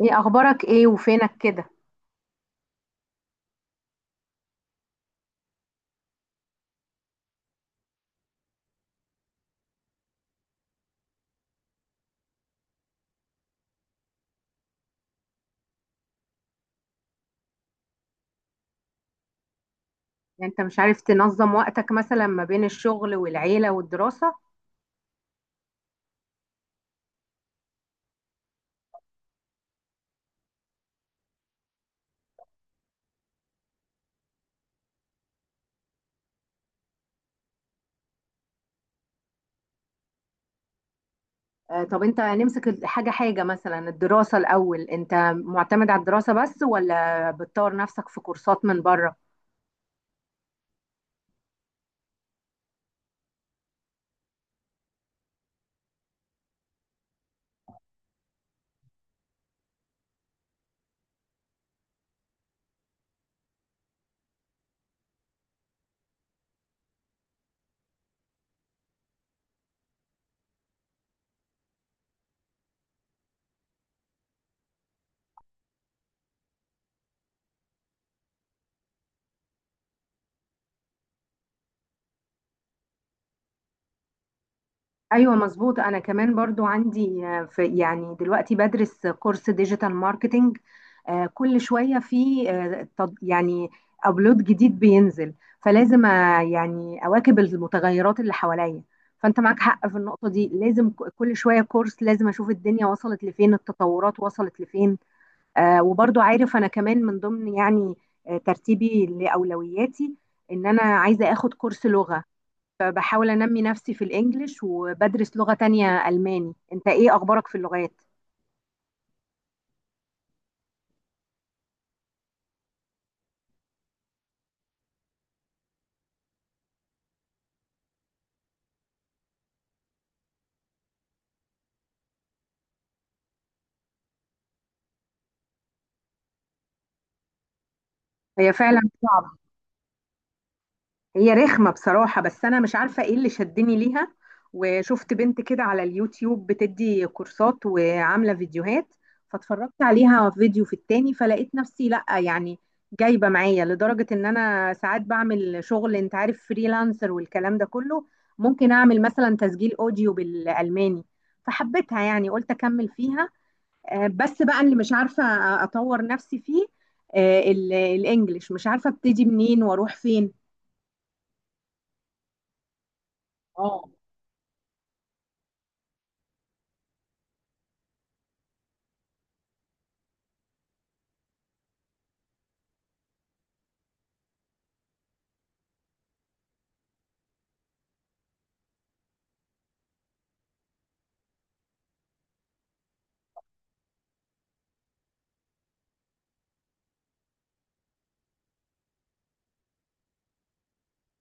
ايه اخبارك؟ ايه وفينك كده؟ يعني انت مش عارف تنظم وقتك مثلا ما بين الشغل والعيلة والدراسة؟ آه، طب انت نمسك حاجة حاجة مثلا الدراسة الاول. انت معتمد على الدراسة بس ولا بتطور نفسك في كورسات من بره؟ ايوه مظبوط. انا كمان برضو عندي، في يعني دلوقتي بدرس كورس ديجيتال ماركتينج. كل شويه في يعني ابلود جديد بينزل، فلازم يعني اواكب المتغيرات اللي حواليا. فانت معاك حق في النقطه دي، لازم كل شويه كورس، لازم اشوف الدنيا وصلت لفين، التطورات وصلت لفين. وبرضو عارف انا كمان من ضمن يعني ترتيبي لاولوياتي ان انا عايزه اخد كورس لغه، فبحاول انمي نفسي في الانجليش وبدرس لغة تانية الماني. انت ايه اخبارك في اللغات؟ هي فعلا صعبة. هي رخمة بصراحة، بس انا مش عارفة ايه اللي شدني ليها. وشفت بنت كده على اليوتيوب بتدي كورسات وعاملة فيديوهات، فاتفرجت عليها فيديو في التاني فلقيت نفسي لا يعني جايبة معايا، لدرجة ان انا ساعات بعمل شغل، انت عارف فريلانسر والكلام ده كله، ممكن اعمل مثلا تسجيل اوديو بالالماني، فحبيتها يعني، قلت اكمل فيها. بس بقى اللي مش عارفة أطور نفسي فيه، الإنجليش مش عارفة أبتدي منين وأروح فين. اه،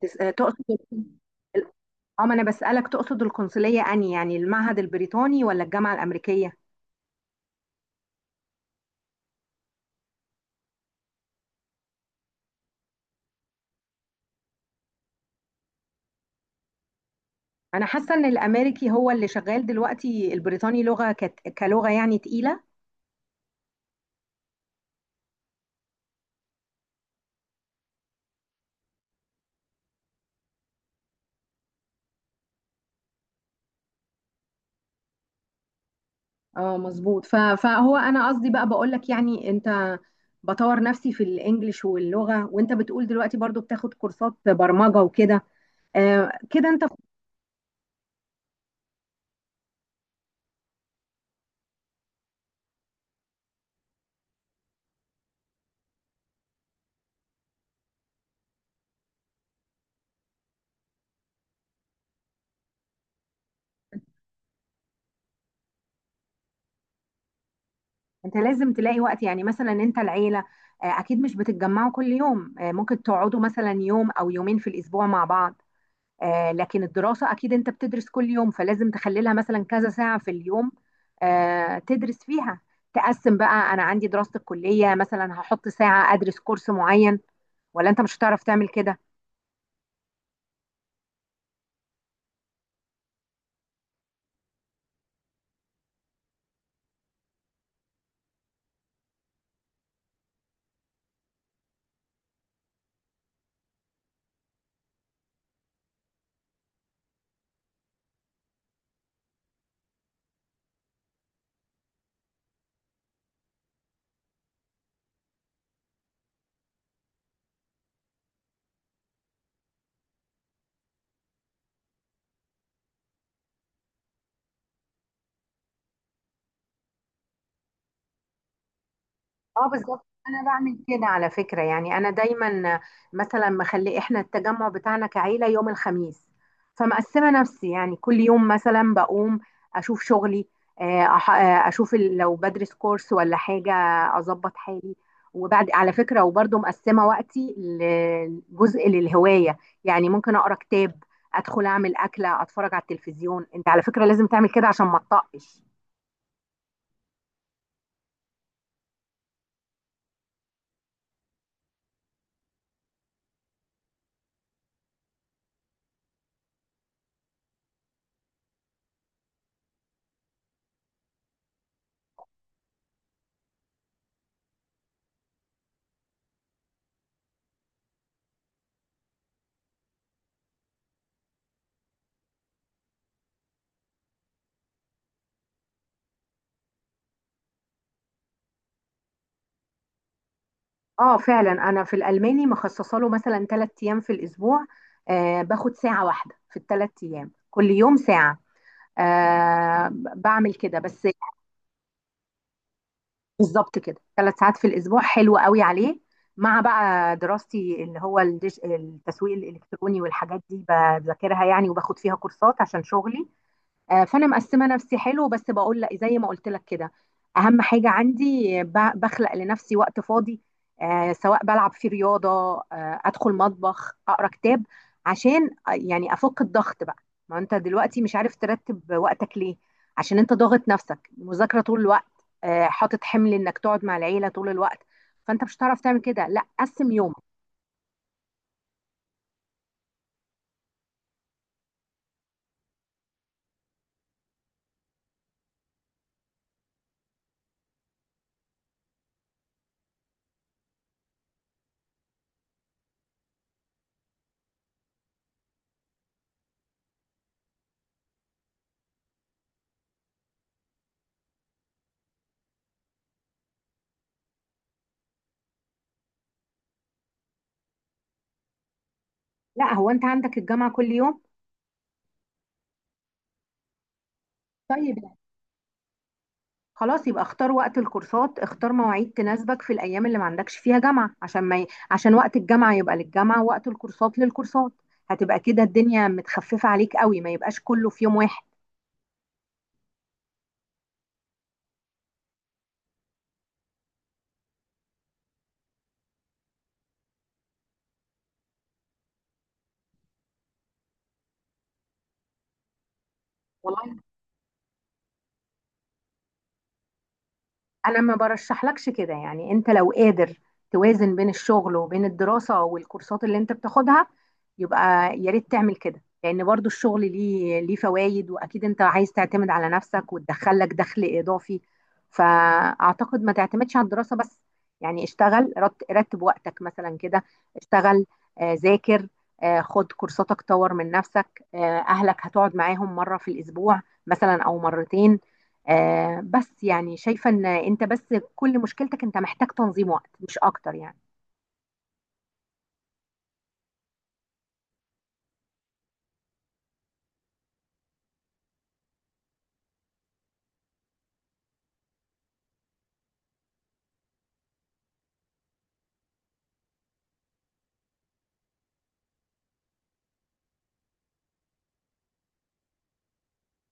تقصد ال- اه ما انا بسألك، تقصد القنصلية اني يعني المعهد البريطاني ولا الجامعة الأمريكية؟ انا حاسة ان الامريكي هو اللي شغال دلوقتي، البريطاني لغة كلغة يعني تقيلة. اه مظبوط. فهو انا قصدي بقى بقولك يعني، انت بطور نفسي في الانجليش واللغة، وانت بتقول دلوقتي برضو بتاخد كورسات برمجة وكده. آه كده انت. انت لازم تلاقي وقت، يعني مثلا انت العيله اكيد مش بتتجمعوا كل يوم، ممكن تقعدوا مثلا يوم او يومين في الاسبوع مع بعض. لكن الدراسه اكيد انت بتدرس كل يوم، فلازم تخلي لها مثلا كذا ساعه في اليوم تدرس فيها. تقسم بقى، انا عندي دراسه الكليه مثلا هحط ساعه ادرس كورس معين، ولا انت مش هتعرف تعمل كده؟ اه بالظبط. انا بعمل كده على فكره، يعني انا دايما مثلا مخلي احنا التجمع بتاعنا كعيله يوم الخميس، فمقسمه نفسي يعني كل يوم مثلا بقوم اشوف شغلي، اشوف لو بدرس كورس ولا حاجه، اظبط حالي. وبعد على فكره وبرضه مقسمه وقتي لجزء للهوايه، يعني ممكن اقرا كتاب، ادخل اعمل اكله، اتفرج على التلفزيون. انت على فكره لازم تعمل كده عشان ما تطقش. اه فعلا، انا في الالماني مخصصه له مثلا 3 ايام في الاسبوع، باخد ساعه واحده في الثلاث ايام، كل يوم ساعه. آه بعمل كده بس. بالظبط كده، 3 ساعات في الاسبوع حلو قوي عليه، مع بقى دراستي اللي هو التسويق الالكتروني والحاجات دي بذاكرها يعني، وباخد فيها كورسات عشان شغلي. فانا مقسمه نفسي حلو، بس بقول لا زي ما قلت لك كده، اهم حاجه عندي بخلق لنفسي وقت فاضي، سواء بلعب في رياضه، ادخل مطبخ اقرا كتاب، عشان يعني افك الضغط بقى. ما انت دلوقتي مش عارف ترتب وقتك ليه؟ عشان انت ضاغط نفسك مذاكره طول الوقت، حاطط حمل انك تقعد مع العيله طول الوقت، فانت مش هتعرف تعمل كده. لا، قسم يومك. لا، هو انت عندك الجامعه كل يوم؟ طيب خلاص، يبقى اختار وقت الكورسات، اختار مواعيد تناسبك في الايام اللي ما عندكش فيها جامعه، عشان ما ي... عشان وقت الجامعه يبقى للجامعه، ووقت الكورسات للكورسات. هتبقى كده الدنيا متخففه عليك قوي، ما يبقاش كله في يوم واحد. والله انا ما برشحلكش كده، يعني انت لو قادر توازن بين الشغل وبين الدراسة والكورسات اللي انت بتاخدها، يبقى يا ريت تعمل كده، لان برضو الشغل ليه فوائد، واكيد انت عايز تعتمد على نفسك وتدخلك دخل اضافي، فاعتقد ما تعتمدش على الدراسة بس. يعني اشتغل، رتب وقتك مثلا كده. اشتغل، ذاكر، خد كورساتك طور من نفسك، اهلك هتقعد معاهم مرة في الاسبوع مثلا او مرتين. بس يعني شايفة ان انت بس كل مشكلتك انت محتاج تنظيم وقت مش اكتر يعني.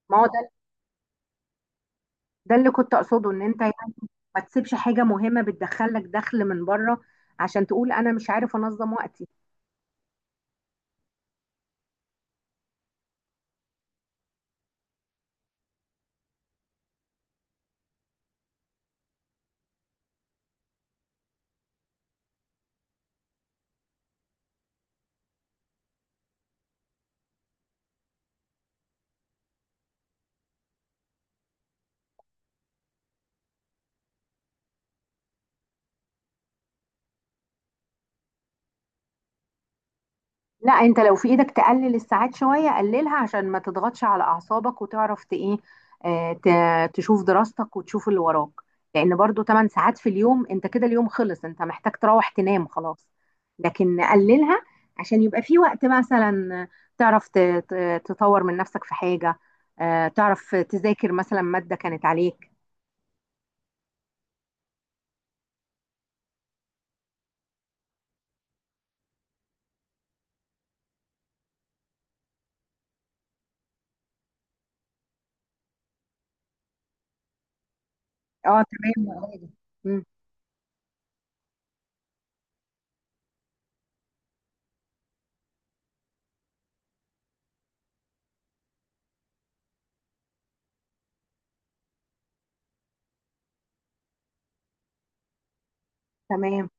ما هو ده. ده اللي كنت اقصده، ان انت يعني ما تسيبش حاجة مهمة بتدخلك دخل من بره عشان تقول انا مش عارف انظم وقتي. لا، انت لو في ايدك تقلل الساعات شوية قللها عشان ما تضغطش على اعصابك، وتعرف ايه، تشوف دراستك وتشوف اللي وراك، لان برضو 8 ساعات في اليوم انت كده اليوم خلص، انت محتاج تروح تنام خلاص. لكن نقللها عشان يبقى في وقت مثلا تعرف تطور من نفسك في حاجة، تعرف تذاكر مثلا مادة كانت عليك. اه تمام يا غادة. مم، تمام.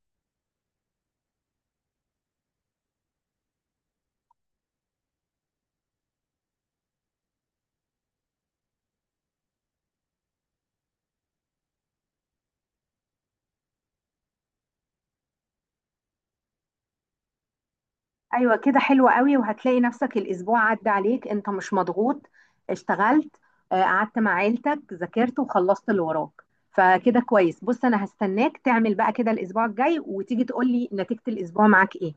ايوه كده، حلوة قوي. وهتلاقي نفسك الاسبوع عدى عليك انت مش مضغوط، اشتغلت، قعدت مع عيلتك، ذاكرت وخلصت اللي وراك. فكده كويس. بص انا هستناك تعمل بقى كده الاسبوع الجاي، وتيجي تقولي نتيجة الاسبوع معاك ايه.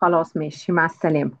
خلاص ماشي، مع السلامة.